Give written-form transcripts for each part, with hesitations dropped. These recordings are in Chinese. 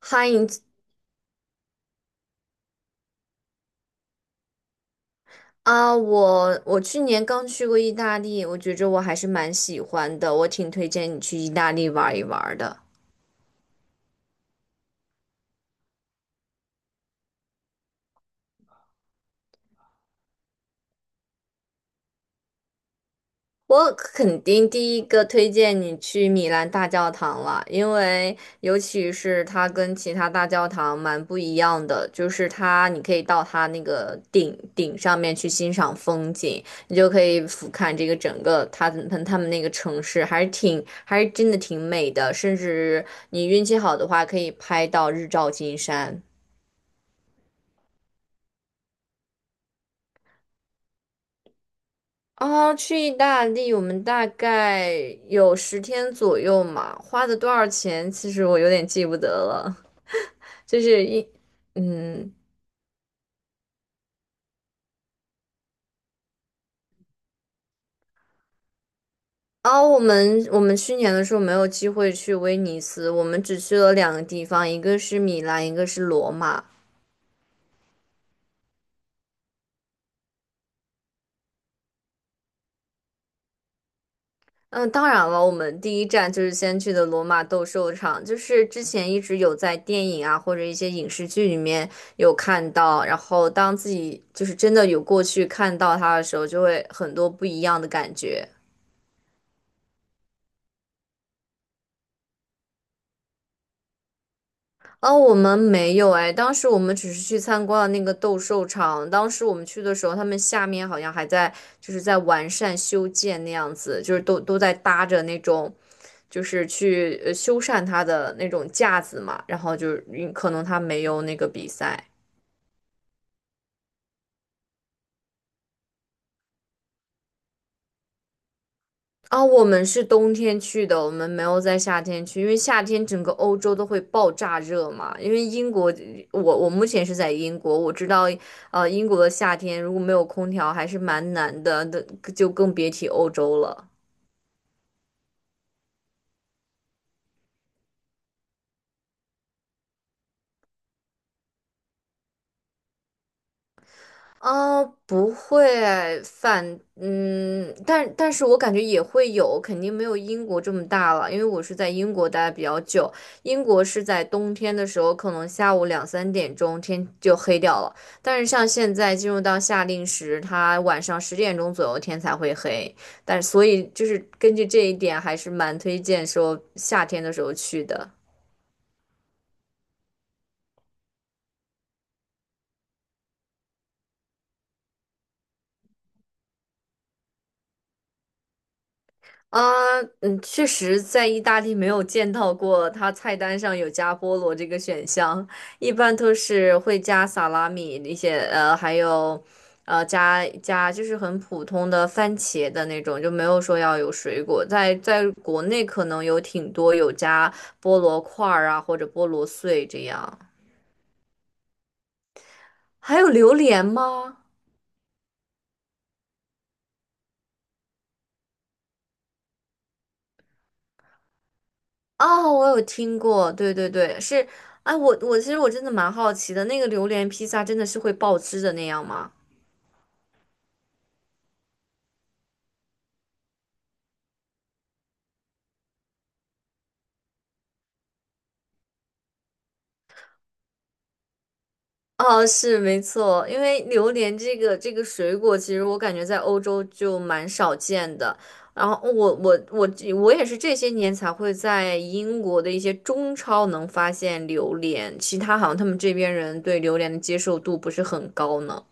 欢迎啊！我去年刚去过意大利，我觉着我还是蛮喜欢的，我挺推荐你去意大利玩一玩的。我肯定第一个推荐你去米兰大教堂了，因为尤其是它跟其他大教堂蛮不一样的，就是它你可以到它那个顶上面去欣赏风景，你就可以俯瞰这个整个他们那个城市，还是真的挺美的，甚至你运气好的话可以拍到日照金山。啊，去意大利，我们大概有10天左右嘛，花的多少钱，其实我有点记不得了。就是一，嗯，哦，我们去年的时候没有机会去威尼斯，我们只去了两个地方，一个是米兰，一个是罗马。嗯，当然了，我们第一站就是先去的罗马斗兽场，就是之前一直有在电影啊或者一些影视剧里面有看到，然后当自己就是真的有过去看到它的时候，就会很多不一样的感觉。哦，我们没有哎，当时我们只是去参观了那个斗兽场。当时我们去的时候，他们下面好像还在就是在完善修建那样子，就是都在搭着那种，就是去修缮它的那种架子嘛。然后就是可能他没有那个比赛。啊，我们是冬天去的，我们没有在夏天去，因为夏天整个欧洲都会爆炸热嘛。因为英国，我目前是在英国，我知道，英国的夏天如果没有空调还是蛮难的，那就更别提欧洲了。哦，不会反，但是我感觉也会有，肯定没有英国这么大了，因为我是在英国待得比较久，英国是在冬天的时候，可能下午两三点钟天就黑掉了，但是像现在进入到夏令时，它晚上10点钟左右天才会黑，但所以就是根据这一点，还是蛮推荐说夏天的时候去的。啊，嗯，确实在意大利没有见到过它菜单上有加菠萝这个选项，一般都是会加萨拉米那些，呃，还有，呃，加就是很普通的番茄的那种，就没有说要有水果。在国内可能有挺多有加菠萝块儿啊，或者菠萝碎这样。还有榴莲吗？哦，我有听过，对对对，是，哎，其实我真的蛮好奇的，那个榴莲披萨真的是会爆汁的那样吗？哦，是没错，因为榴莲这个水果，其实我感觉在欧洲就蛮少见的。然后我也是这些年才会在英国的一些中超能发现榴莲，其他好像他们这边人对榴莲的接受度不是很高呢。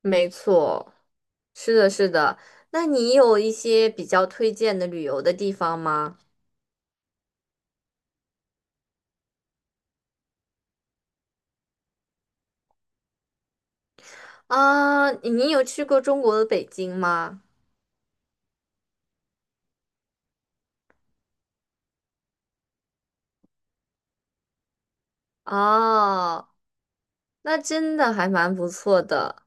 没错。是的，是的。那你有一些比较推荐的旅游的地方吗？啊，你有去过中国的北京吗？哦，那真的还蛮不错的。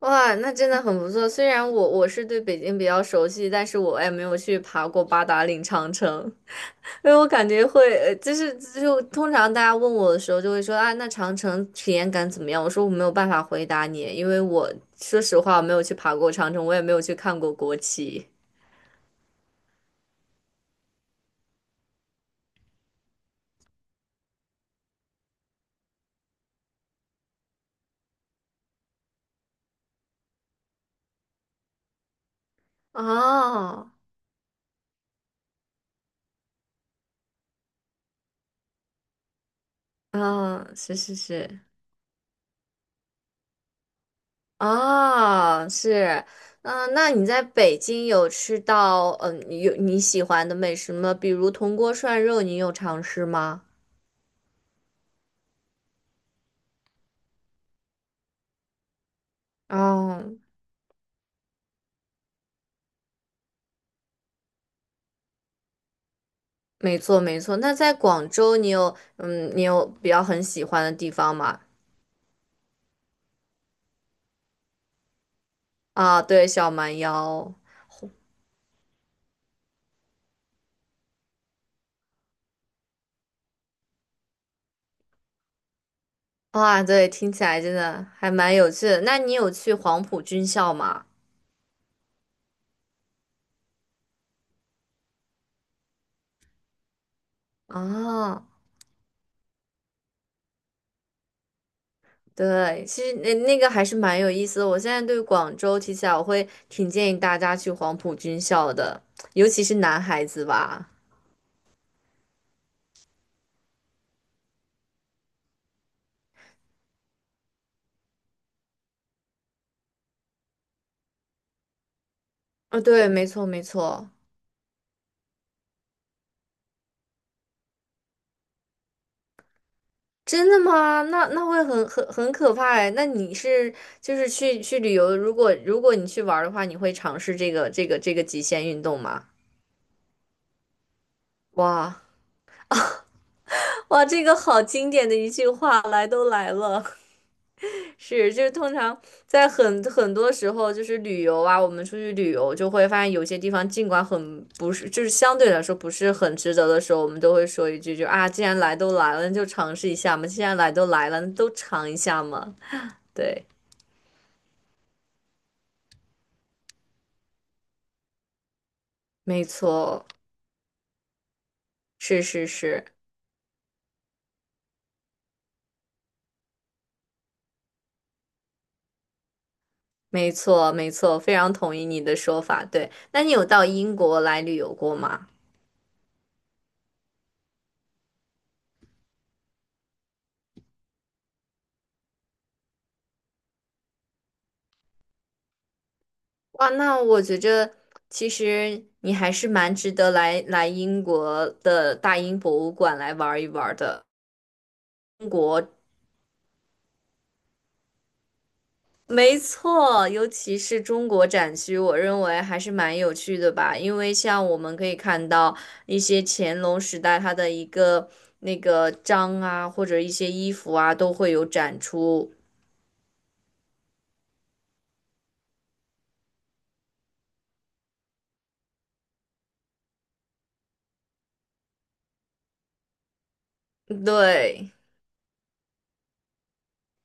哇，那真的很不错。虽然我是对北京比较熟悉，但是我也没有去爬过八达岭长城，因为我感觉会，就是通常大家问我的时候就会说啊，那长城体验感怎么样？我说我没有办法回答你，因为我说实话我没有去爬过长城，我也没有去看过国旗。哦，嗯，是是是，哦，是，嗯，那你在北京有吃到有你喜欢的美食吗？比如铜锅涮肉，你有尝试吗？哦，没错没错。那在广州，你有比较很喜欢的地方吗？啊，对，小蛮腰，哇，对，听起来真的还蛮有趣的。那你有去黄埔军校吗？啊。对，其实那个还是蛮有意思的。我现在对广州提起来，我会挺建议大家去黄埔军校的，尤其是男孩子吧。啊，对，没错，没错。真的吗？那会很可怕哎。那你是就是去旅游，如果你去玩儿的话，你会尝试这个极限运动吗？哇哇，这个好经典的一句话，来都来了。是，就是通常在很多时候，就是旅游啊，我们出去旅游就会发现有些地方尽管很不是，就是相对来说不是很值得的时候，我们都会说一句就啊，既然来都来了，那就尝试一下嘛，既然来都来了，那都尝一下嘛。对，没错，是是是，没错没错，非常同意你的说法。对，那你有到英国来旅游过吗？哇，那我觉着其实你还是蛮值得来英国的大英博物馆来玩一玩的。中国，没错，尤其是中国展区，我认为还是蛮有趣的吧。因为像我们可以看到一些乾隆时代它的一个那个章啊，或者一些衣服啊，都会有展出。对。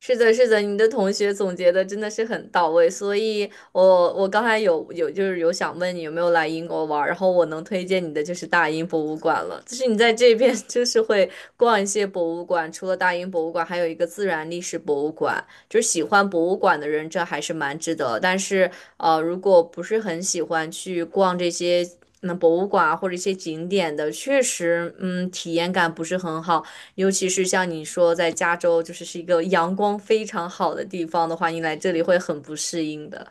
是的，是的，你的同学总结的真的是很到位，所以我刚才有有就是有想问你有没有来英国玩儿然后我能推荐你的就是大英博物馆了，就是你在这边 就是会逛一些博物馆，除了大英博物馆，还有一个自然历史博物馆，就是喜欢博物馆的人这还是蛮值得，但是如果不是很喜欢去逛这些。那博物馆啊或者一些景点的，确实，体验感不是很好。尤其是像你说在加州，就是一个阳光非常好的地方的话，你来这里会很不适应的。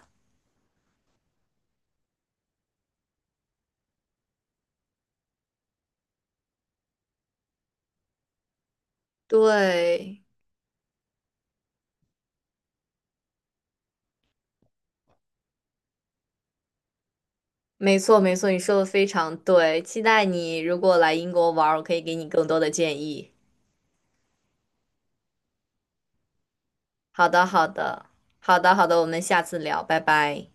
对，没错没错，你说的非常对。期待你如果来英国玩儿，我可以给你更多的建议。好的好的好的好的，我们下次聊，拜拜。